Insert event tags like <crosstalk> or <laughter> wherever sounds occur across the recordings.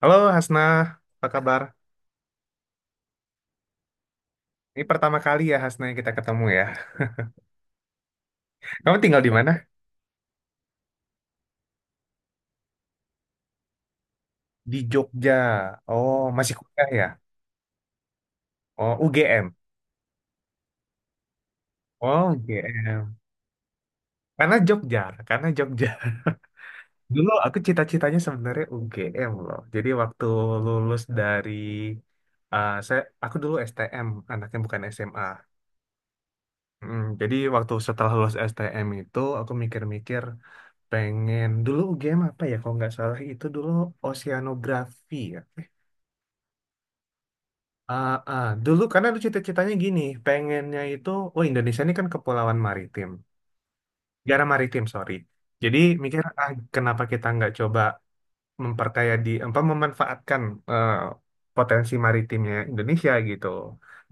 Halo Hasna, apa kabar? Ini pertama kali ya Hasna kita ketemu ya. Kamu tinggal di mana? Di Jogja. Oh, masih kuliah ya? Oh, UGM. Oh, UGM. Karena Jogja, karena Jogja. <laughs> Dulu aku cita-citanya sebenarnya UGM loh. Jadi waktu lulus dari saya aku dulu STM, anaknya bukan SMA. Jadi waktu setelah lulus STM itu aku mikir-mikir pengen dulu UGM apa ya kalau nggak salah itu dulu oceanografi ya. Ah, ah. Dulu karena lu cita-citanya gini, pengennya itu, oh Indonesia ini kan kepulauan maritim, negara maritim sorry. Jadi mikir kenapa kita nggak coba memperkaya di, apa memanfaatkan eh, potensi maritimnya Indonesia gitu,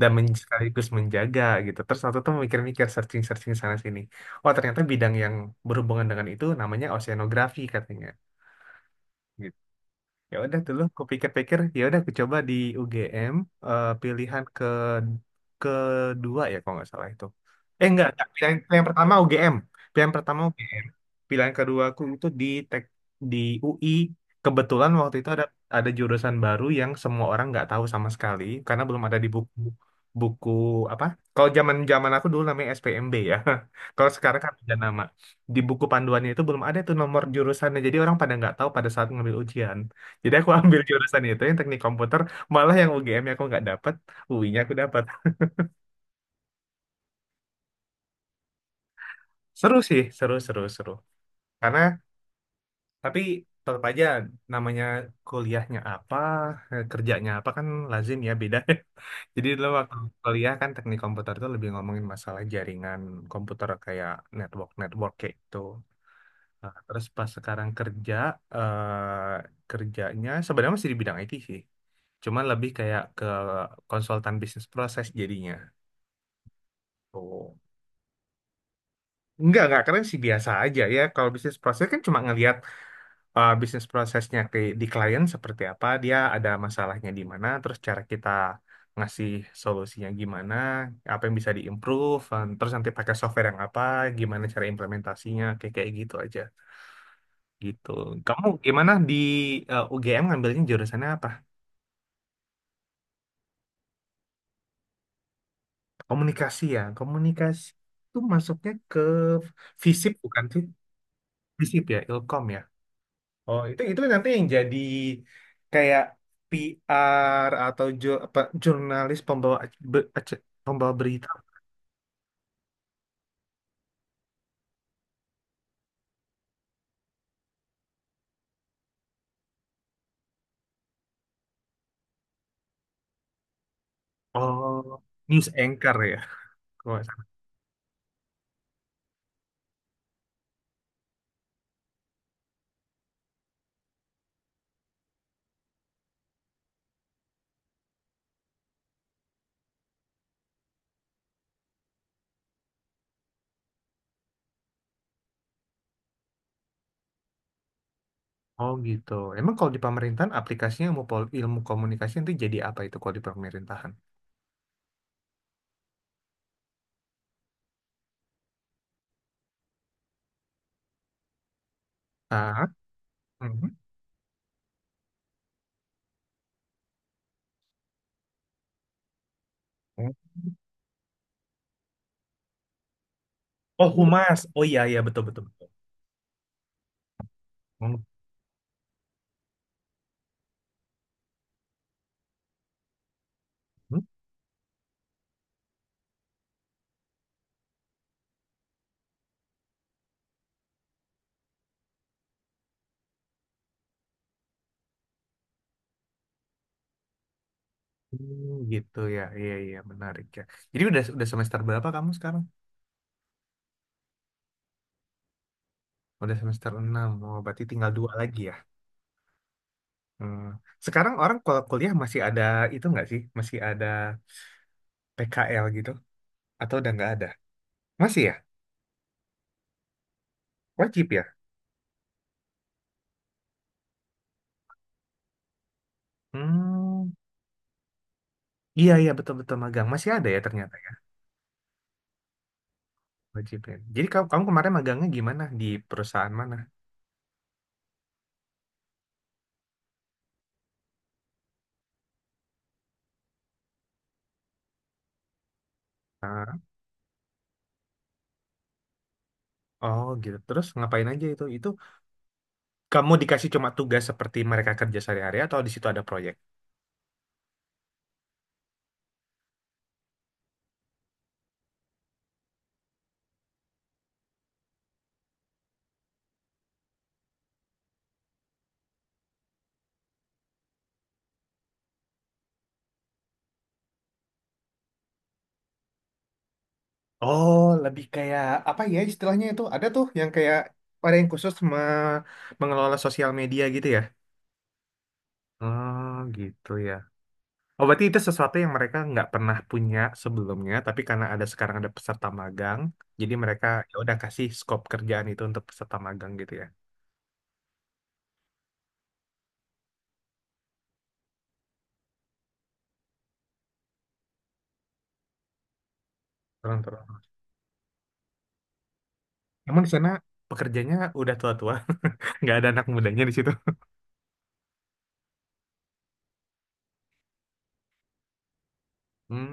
dan sekaligus menjaga gitu. Terus waktu itu mikir-mikir searching-searching sana sini, oh ternyata bidang yang berhubungan dengan itu namanya oceanografi katanya. Ya udah dulu aku pikir-pikir, ya udah aku coba di UGM, pilihan kedua ya kalau nggak salah itu. Enggak, enggak. Pilihan pertama UGM. Pilihan pertama UGM. Pilihan kedua aku itu di di UI. Kebetulan waktu itu ada jurusan baru yang semua orang nggak tahu sama sekali karena belum ada di buku, buku apa? Kalau zaman zaman aku dulu namanya SPMB ya. <laughs> Kalau sekarang kan ada nama. Di buku panduannya itu belum ada tuh nomor jurusannya. Jadi orang pada nggak tahu pada saat ngambil ujian. Jadi aku ambil jurusan itu yang teknik komputer, malah yang UGM-nya aku nggak dapat, UI-nya aku dapat. Seru sih, seru seru seru. Karena tapi tetap aja namanya kuliahnya apa, kerjanya apa kan lazim ya beda. <laughs> Jadi dulu waktu kuliah kan teknik komputer itu lebih ngomongin masalah jaringan komputer kayak network network kayak itu. Nah, terus pas sekarang kerja, kerjanya sebenarnya masih di bidang IT sih. Cuman lebih kayak ke konsultan bisnis proses jadinya. Oh. Enggak keren sih biasa aja ya. Kalau bisnis proses kan cuma ngelihat bisnis prosesnya di klien seperti apa, dia ada masalahnya di mana, terus cara kita ngasih solusinya gimana, apa yang bisa diimprove, terus nanti pakai software yang apa, gimana cara implementasinya, kayak kayak gitu aja. Gitu. Kamu gimana di, UGM ngambilnya jurusannya apa? Komunikasi ya. Komunikasi itu masuknya ke FISIP bukan sih? FISIP ya, Ilkom ya. Oh, itu nanti yang jadi kayak PR atau jurnalis pembawa pembawa berita. Oh, news anchor ya. Kalau nggak salah. Oh gitu. Emang kalau di pemerintahan aplikasinya ilmu, ilmu komunikasi nanti jadi apa itu kalau di pemerintahan? Ah, mhm. Oh humas. Oh iya iya betul betul. Betul. Mhm. Hmm, gitu ya. Iya iya menarik ya. Jadi udah semester berapa kamu sekarang? Udah semester 6. Oh, berarti tinggal dua lagi ya. Hmm. Sekarang orang kalau kuliah masih ada itu nggak sih? Masih ada PKL gitu? Atau udah nggak ada? Masih ya? Wajib ya? Hmm. Iya, iya, betul-betul magang. Masih ada ya ternyata ya, wajib ya. Jadi kamu kemarin magangnya gimana? Di perusahaan mana? Ah, oh gitu. Terus ngapain aja itu? Itu kamu dikasih cuma tugas seperti mereka kerja sehari-hari atau di situ ada proyek? Oh, lebih kayak apa ya istilahnya itu? Ada tuh yang kayak ada yang khusus mengelola sosial media gitu ya? Oh, gitu ya. Oh, berarti itu sesuatu yang mereka nggak pernah punya sebelumnya, tapi karena sekarang ada peserta magang, jadi mereka ya udah kasih scope kerjaan itu untuk peserta magang gitu ya. Terus terus. Emang di sana pekerjanya udah tua-tua, <laughs> nggak ada anak mudanya di situ. Hmm,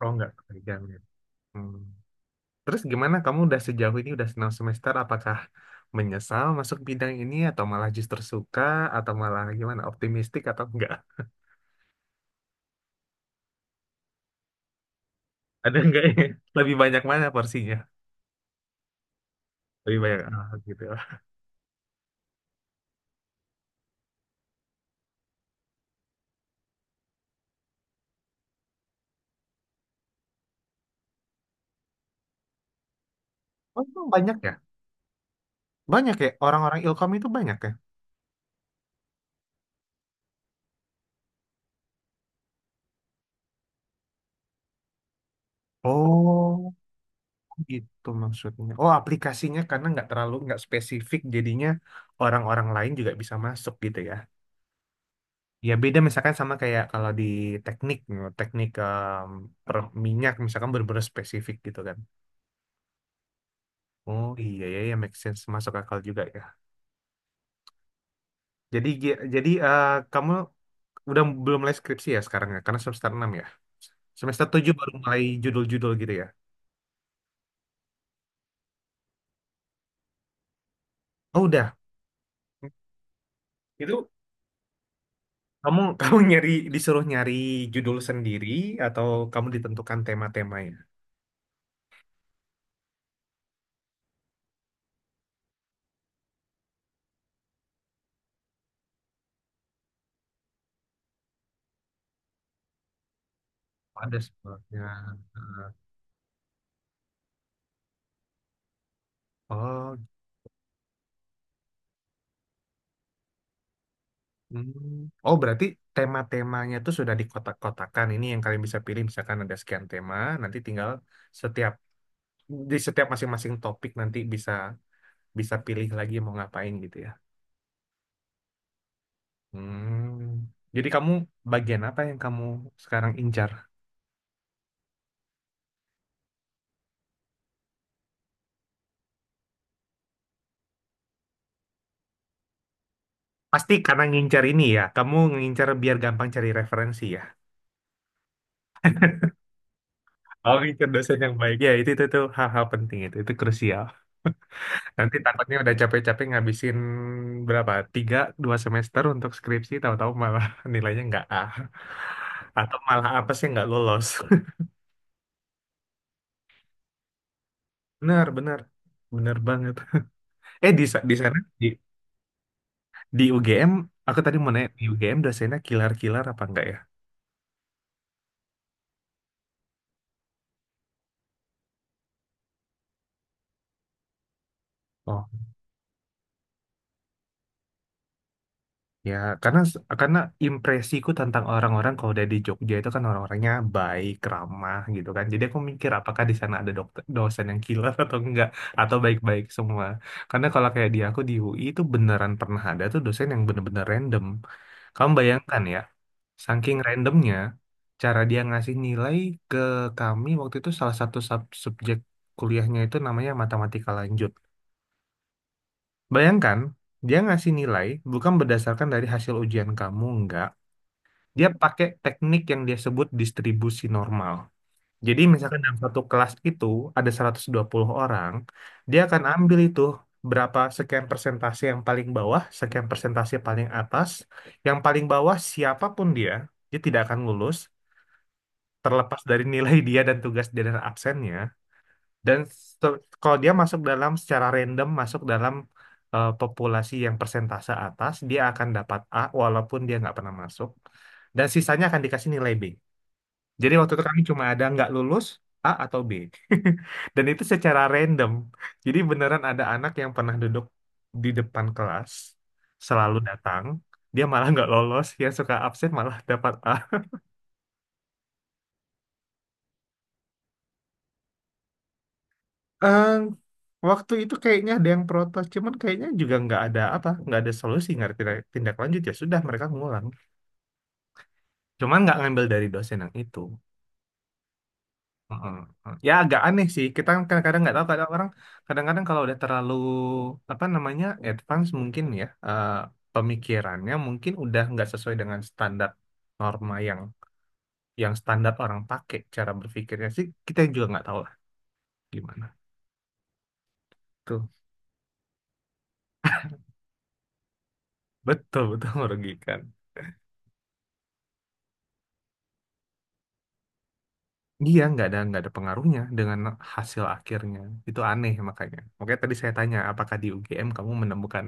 oh nggak pekerjaannya. Hmm. Terus gimana? Kamu udah sejauh ini udah 6 semester, apakah menyesal masuk bidang ini atau malah justru suka atau malah gimana? Optimistik atau enggak? Ada enggak ya? <laughs> Lebih banyak mana porsinya? Lebih banyak, gitu. Oh, emang banyak ya? Banyak ya, orang-orang Ilkom itu banyak ya? Oh, gitu maksudnya. Oh, aplikasinya karena nggak terlalu, nggak spesifik, jadinya orang-orang lain juga bisa masuk gitu ya. Ya beda misalkan sama kayak kalau di teknik, teknik, per minyak misalkan benar spesifik gitu kan. Oh iya ya, ya make sense masuk akal juga ya. Jadi kamu udah belum mulai skripsi ya sekarang ya, karena semester 6 ya. Semester 7 baru mulai judul-judul gitu ya. Oh udah. Itu. Kamu <laughs> kamu nyari disuruh nyari judul sendiri atau kamu ditentukan tema-temanya? Ada sebabnya. Oh, hmm. Oh berarti tema-temanya itu sudah dikotak-kotakan. Ini yang kalian bisa pilih. Misalkan ada sekian tema, nanti tinggal setiap di setiap masing-masing topik nanti bisa bisa pilih lagi mau ngapain gitu ya. Hmm. Jadi kamu bagian apa yang kamu sekarang incar? Pasti karena ngincar ini ya. Kamu ngincar biar gampang cari referensi ya. Oh, mikir dosen yang baik. Ya, itu tuh hal-hal penting itu. Itu krusial. Nanti takutnya udah capek-capek ngabisin berapa? Tiga, 2 semester untuk skripsi, tahu-tahu malah <laughs> nilainya nggak A. Atau malah apa sih nggak lolos. <laughs> Benar, benar. Benar banget. Di sana, di UGM, aku tadi mau nanya, di UGM dosennya kilar-kilar apa enggak ya? Ya, karena karena impresiku tentang orang-orang kalau udah di Jogja itu kan orang-orangnya baik, ramah gitu kan. Jadi aku mikir apakah di sana ada dosen yang killer atau enggak atau baik-baik semua. Karena kalau kayak di aku di UI itu beneran pernah ada tuh dosen yang bener-bener random. Kamu bayangkan ya, saking randomnya cara dia ngasih nilai ke kami waktu itu salah satu subjek kuliahnya itu namanya matematika lanjut. Bayangkan, dia ngasih nilai bukan berdasarkan dari hasil ujian kamu, enggak. Dia pakai teknik yang dia sebut distribusi normal. Jadi misalkan dalam satu kelas itu ada 120 orang, dia akan ambil itu berapa sekian persentase yang paling bawah, sekian persentase paling atas, yang paling bawah siapapun dia, dia tidak akan lulus terlepas dari nilai <laughs> dia dan tugas dia dan absennya. Dan kalau dia masuk dalam secara random masuk dalam populasi yang persentase atas, dia akan dapat A walaupun dia nggak pernah masuk dan sisanya akan dikasih nilai B. Jadi waktu itu kami cuma ada nggak lulus A atau B. <laughs> Dan itu secara random. Jadi beneran ada anak yang pernah duduk di depan kelas, selalu datang, dia malah nggak lolos, yang suka absen malah dapat A. Ehm, Waktu itu kayaknya ada yang protes, cuman kayaknya juga nggak ada apa, nggak ada solusi, nggak ada tindak tindak lanjut, ya sudah mereka ngulang. Cuman nggak ngambil dari dosen yang itu. Heeh, heeh. Ya agak aneh sih. Kita kan kadang-kadang nggak tahu, kadang orang kadang-kadang kalau udah terlalu apa namanya advance mungkin ya, pemikirannya mungkin udah nggak sesuai dengan standar norma yang standar orang pakai cara berpikirnya sih, kita juga nggak tahu lah gimana tuh, betul betul <laughs> merugikan. Iya nggak ada pengaruhnya dengan hasil akhirnya, itu aneh makanya. Makanya tadi saya tanya apakah di UGM kamu menemukan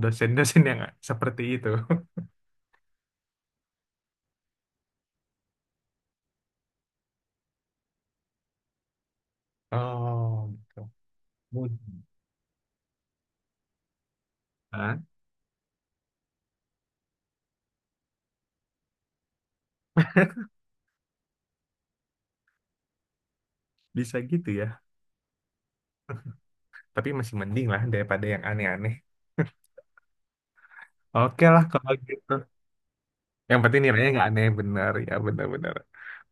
dosen-dosen yang seperti itu? <laughs> Oh, gitu. Ah, bisa gitu ya. Tapi masih mending lah daripada yang aneh-aneh. <laughs> Oke lah kalau gitu. Yang penting nilainya nggak aneh, benar ya, benar-benar.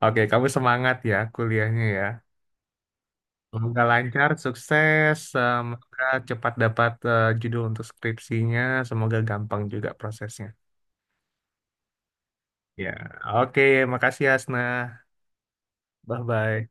Oke, kamu semangat ya kuliahnya ya. Semoga lancar, sukses, semoga cepat dapat, judul untuk skripsinya, semoga gampang juga prosesnya. Ya, oke, makasih ya, Asna. Bye-bye.